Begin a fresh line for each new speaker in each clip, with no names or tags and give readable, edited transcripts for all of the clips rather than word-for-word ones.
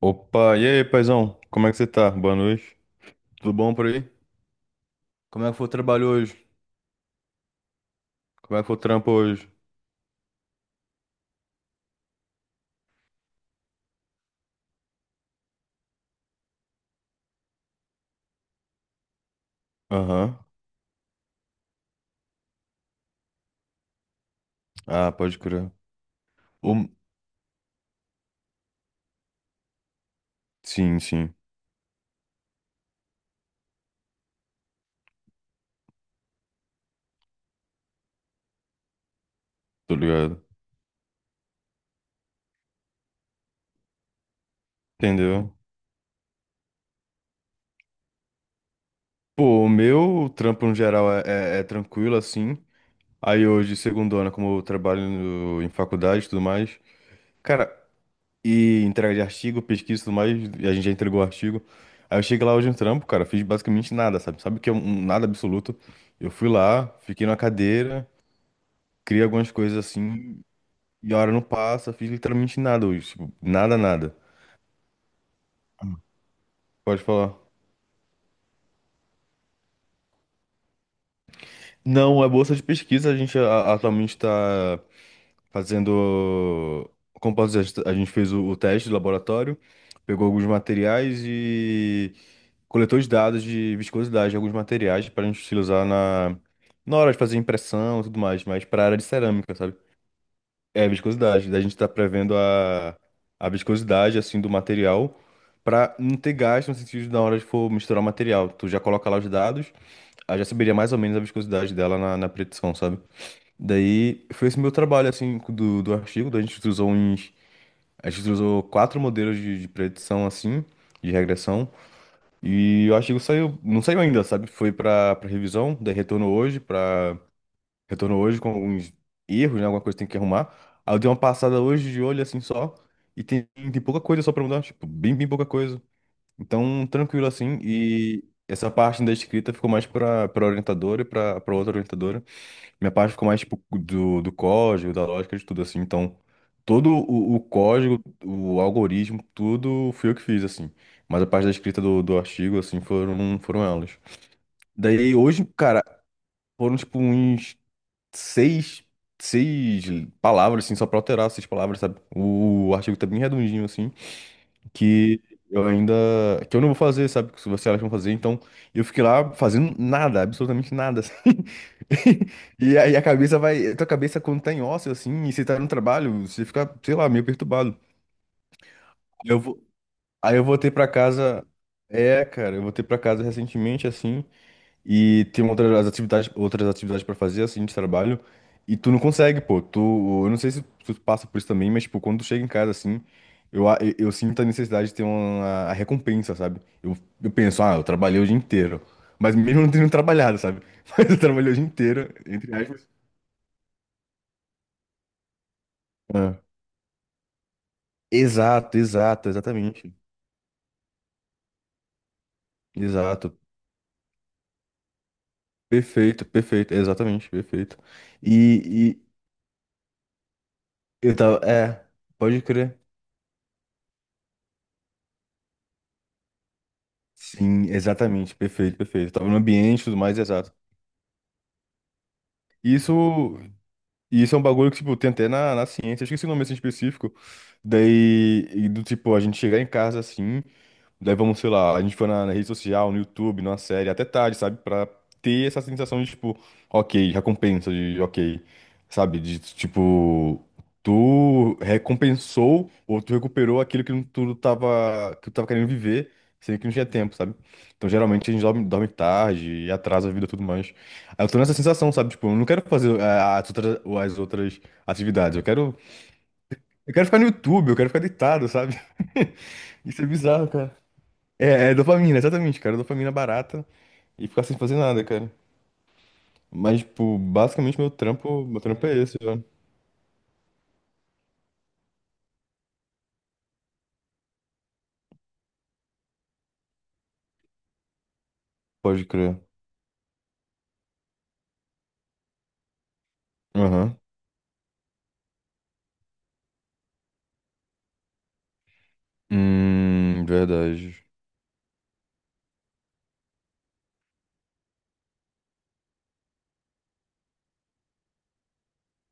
Opa, e aí, paizão? Como é que você tá? Boa noite. Tudo bom por aí? Como é que foi o trabalho hoje? Como é que foi o trampo hoje? Aham. Ah, pode crer. O... Sim, sim. Tô ligado. Entendeu? Pô, o meu trampo no geral é tranquilo, assim. Aí hoje, segundona, como eu trabalho em faculdade e tudo mais. Cara, e entrega de artigo, pesquisa e tudo mais, e a gente já entregou o artigo. Aí eu cheguei lá hoje no trampo, cara, fiz basicamente nada, sabe? Sabe o que é um nada absoluto? Eu fui lá, fiquei na cadeira. Cria algumas coisas assim e a hora não passa, fiz literalmente nada hoje, tipo, nada, nada. Pode falar. Não, é bolsa de pesquisa, a gente atualmente está fazendo, como posso dizer, a gente fez o teste do laboratório, pegou alguns materiais e coletou os dados de viscosidade de alguns materiais para a gente utilizar na hora de fazer impressão e tudo mais, mas para a área de cerâmica, sabe? É, viscosidade. Daí a gente tá prevendo a viscosidade, assim, do material pra não ter gasto no sentido de na hora de for misturar o material. Tu já coloca lá os dados, aí já saberia mais ou menos a viscosidade dela na predição, sabe? Daí foi esse meu trabalho, assim, do artigo. Daí a gente usou uns... A gente usou quatro modelos de predição, assim, de regressão. E o artigo saiu... Não saiu ainda, sabe? Foi pra revisão, daí retornou hoje pra... Retornou hoje com alguns erros, né? Alguma coisa que tem que arrumar. Aí eu dei uma passada hoje de olho assim só. E tem, tem pouca coisa só pra mudar, tipo, bem, bem pouca coisa. Então, tranquilo assim. E essa parte da escrita ficou mais pra orientadora e pra outra orientadora. Minha parte ficou mais, tipo, do código, da lógica, de tudo assim. Então, todo o código, o algoritmo, tudo fui eu que fiz, assim. Mas a parte da escrita do artigo, assim, foram elas. Daí hoje, cara, foram, tipo, uns seis, seis palavras, assim, só pra alterar seis palavras, sabe? Artigo tá bem redondinho, assim, que eu ainda, que eu não vou fazer, sabe? Que se vocês elas vão fazer, então eu fiquei lá fazendo nada, absolutamente nada, assim. E aí a cabeça vai, a tua cabeça quando tá em ócio, assim, e você tá no trabalho, você fica, sei lá, meio perturbado. eu vou, Aí eu voltei pra casa, cara, eu voltei pra casa recentemente, assim, e tem outras atividades para fazer, assim, de trabalho. E tu não consegue, pô. Tu, eu não sei se tu passa por isso também, mas, tipo, quando tu chega em casa, assim, eu sinto a necessidade de ter uma a recompensa, sabe? Eu penso, ah, eu trabalhei o dia inteiro. Mas mesmo não tendo trabalhado, sabe? Mas eu trabalhei o dia inteiro, entre aspas. Ah. Exato, exato, exatamente. Exato. Perfeito, perfeito, exatamente, perfeito. E eu tava, pode crer. Sim, exatamente. Perfeito, perfeito. Tava no ambiente e tudo mais, exato. Isso, isso é um bagulho que, tipo, tem até na ciência. Eu esqueci o nome assim específico. Daí, e do tipo, a gente chegar em casa assim. Daí vamos, sei lá, a gente foi na rede social, no YouTube, numa série, até tarde, sabe? Pra ter essa sensação de, tipo, ok, recompensa, de ok, sabe? De, tipo, tu recompensou ou tu recuperou aquilo que tu tava querendo viver, sendo que não tinha tempo, sabe? Então, geralmente, a gente dorme tarde e atrasa a vida e tudo mais. Aí eu tô nessa sensação, sabe? Tipo, eu não quero fazer as outras atividades, eu quero ficar no YouTube, eu quero ficar deitado, sabe? Isso é bizarro, cara. É dopamina, exatamente, cara. Dopamina barata e ficar sem fazer nada, cara. Mas, tipo, basicamente meu trampo é esse, já. Pode crer. Aham. Verdade.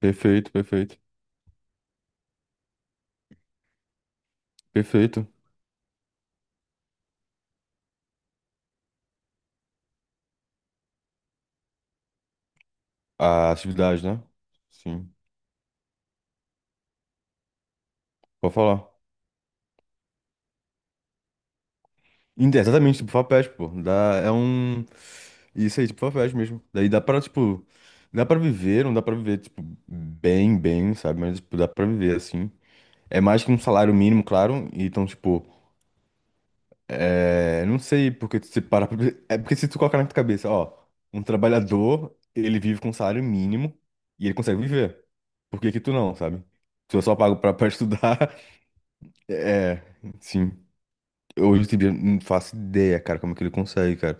Perfeito, perfeito. Perfeito. A atividade, né? Sim. Pode falar. Exatamente, tipo, Fapest, pô. Dá, é um. Isso aí, tipo, Fapest mesmo. Daí dá pra, tipo. Dá pra viver, não dá pra viver, tipo, bem, bem, sabe? Mas, tipo, dá pra viver assim. É mais que um salário mínimo, claro. E então, tipo. É, não sei porque se para, pra... É porque se tu colocar na tua cabeça, ó, um trabalhador, ele vive com um salário mínimo e ele consegue viver. Por que que tu não, sabe? Se eu só pago pra estudar, é, sim. Hoje em dia não faço ideia, cara, como é que ele consegue, cara.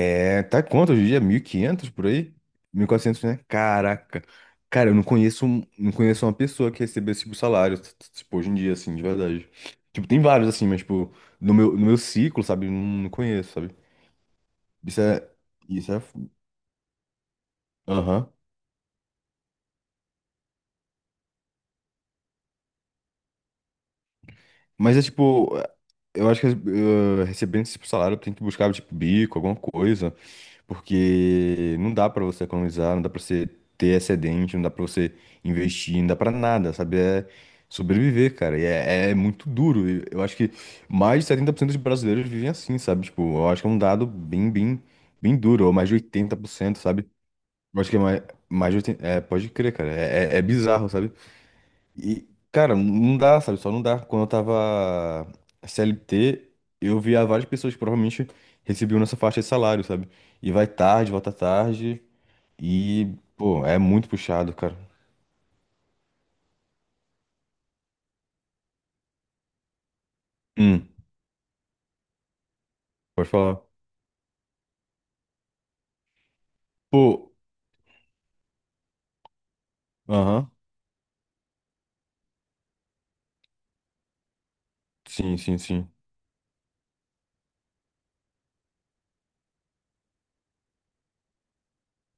É, tá quanto hoje em dia? 1.500 por aí? 1.400, né? Caraca. Cara, eu não conheço, não conheço uma pessoa que recebeu esse tipo de salário, tipo, hoje em dia, assim, de verdade. Tipo, tem vários, assim, mas, tipo, no meu ciclo, sabe? Eu não, não conheço, sabe? Isso é. Isso é. Aham. Mas é tipo. Eu acho que recebendo esse tipo de salário, tem que buscar, tipo, bico, alguma coisa. Porque não dá pra você economizar, não dá pra você ter excedente, não dá pra você investir, não dá pra nada, sabe? É sobreviver, cara. E é muito duro. E eu acho que mais de 70% dos brasileiros vivem assim, sabe? Tipo, eu acho que é um dado bem, bem, bem duro, ou mais de 80%, sabe? Eu acho que é mais, mais de 80%. É, pode crer, cara. É bizarro, sabe? E, cara, não dá, sabe? Só não dá. Quando eu tava CLT, eu via várias pessoas que provavelmente recebiam nessa faixa de salário, sabe? E vai tarde, volta tarde. E, pô, é muito puxado, cara. Hum, Pode falar. Pô, aham. Sim, sim, sim.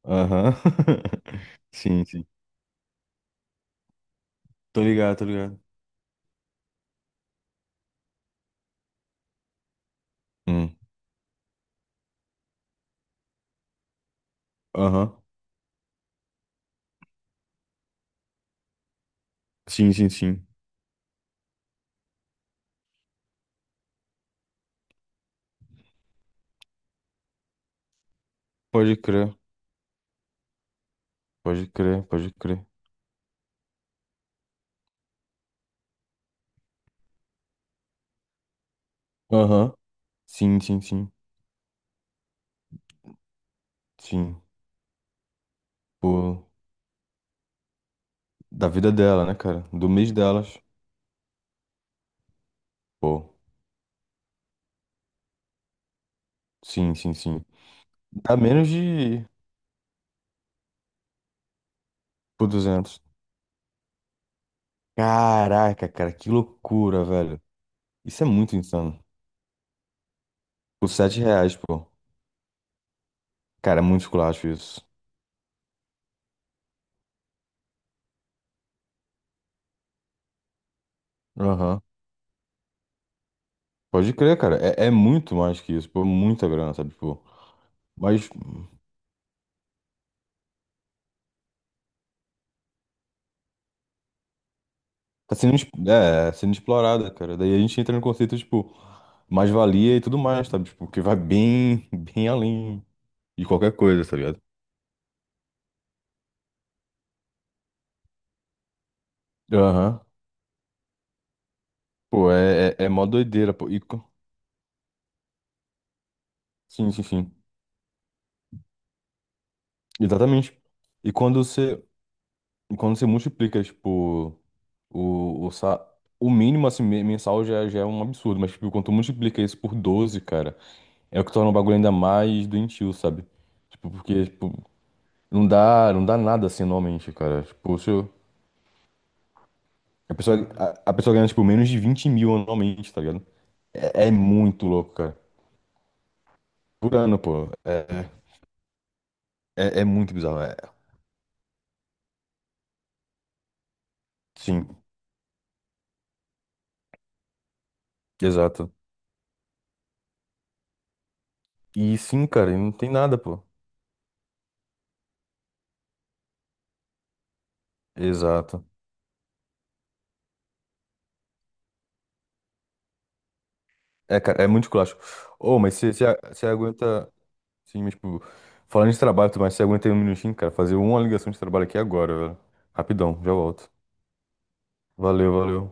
Aham. Sim, sim. Tô ligado, tô ligado. Hum, aham. Sim, sim, sim. Pode crer, pode crer, pode crer. Aham. Sim, sim, sim. Sim. Pô, da vida dela, né, cara? Do mês delas. Pô, sim, sim, sim. Dá menos de, por 200. Caraca, cara, que loucura, velho. Isso é muito insano. Por R$ 7, pô. Cara, é muito esculacho isso. Aham. Pode crer, cara. É, é muito mais que isso, pô. Muita grana, sabe, pô. Mas tá sendo, é, sendo explorada, cara. Daí a gente entra no conceito, tipo, mais-valia e tudo mais, sabe? Tipo, que vai bem, bem além de qualquer coisa, tá ligado? Aham. Pô, é mó doideira, pô. E sim, sim, sim. Exatamente. E quando você, e quando você multiplica, tipo, o, o, sa- o mínimo assim, mensal já, já é um absurdo, mas tipo, quando tu multiplica isso por 12 cara, é o que torna o bagulho ainda mais doentio, sabe? Tipo, porque, tipo, não dá, não dá nada assim anualmente, cara. Tipo, se eu- a pessoa, a pessoa ganha, tipo, menos de 20.000 anualmente, tá ligado? É muito louco, cara. Por ano, pô. É muito bizarro. É. Sim, exato. E sim, cara, e não tem nada, pô. Exato. É, cara, é muito clássico. Ô, mas você aguenta. Sim, mas, tipo, falando de trabalho, mas você aguenta aí um minutinho, cara, fazer uma ligação de trabalho aqui agora, velho. Rapidão, já volto. Valeu, valeu.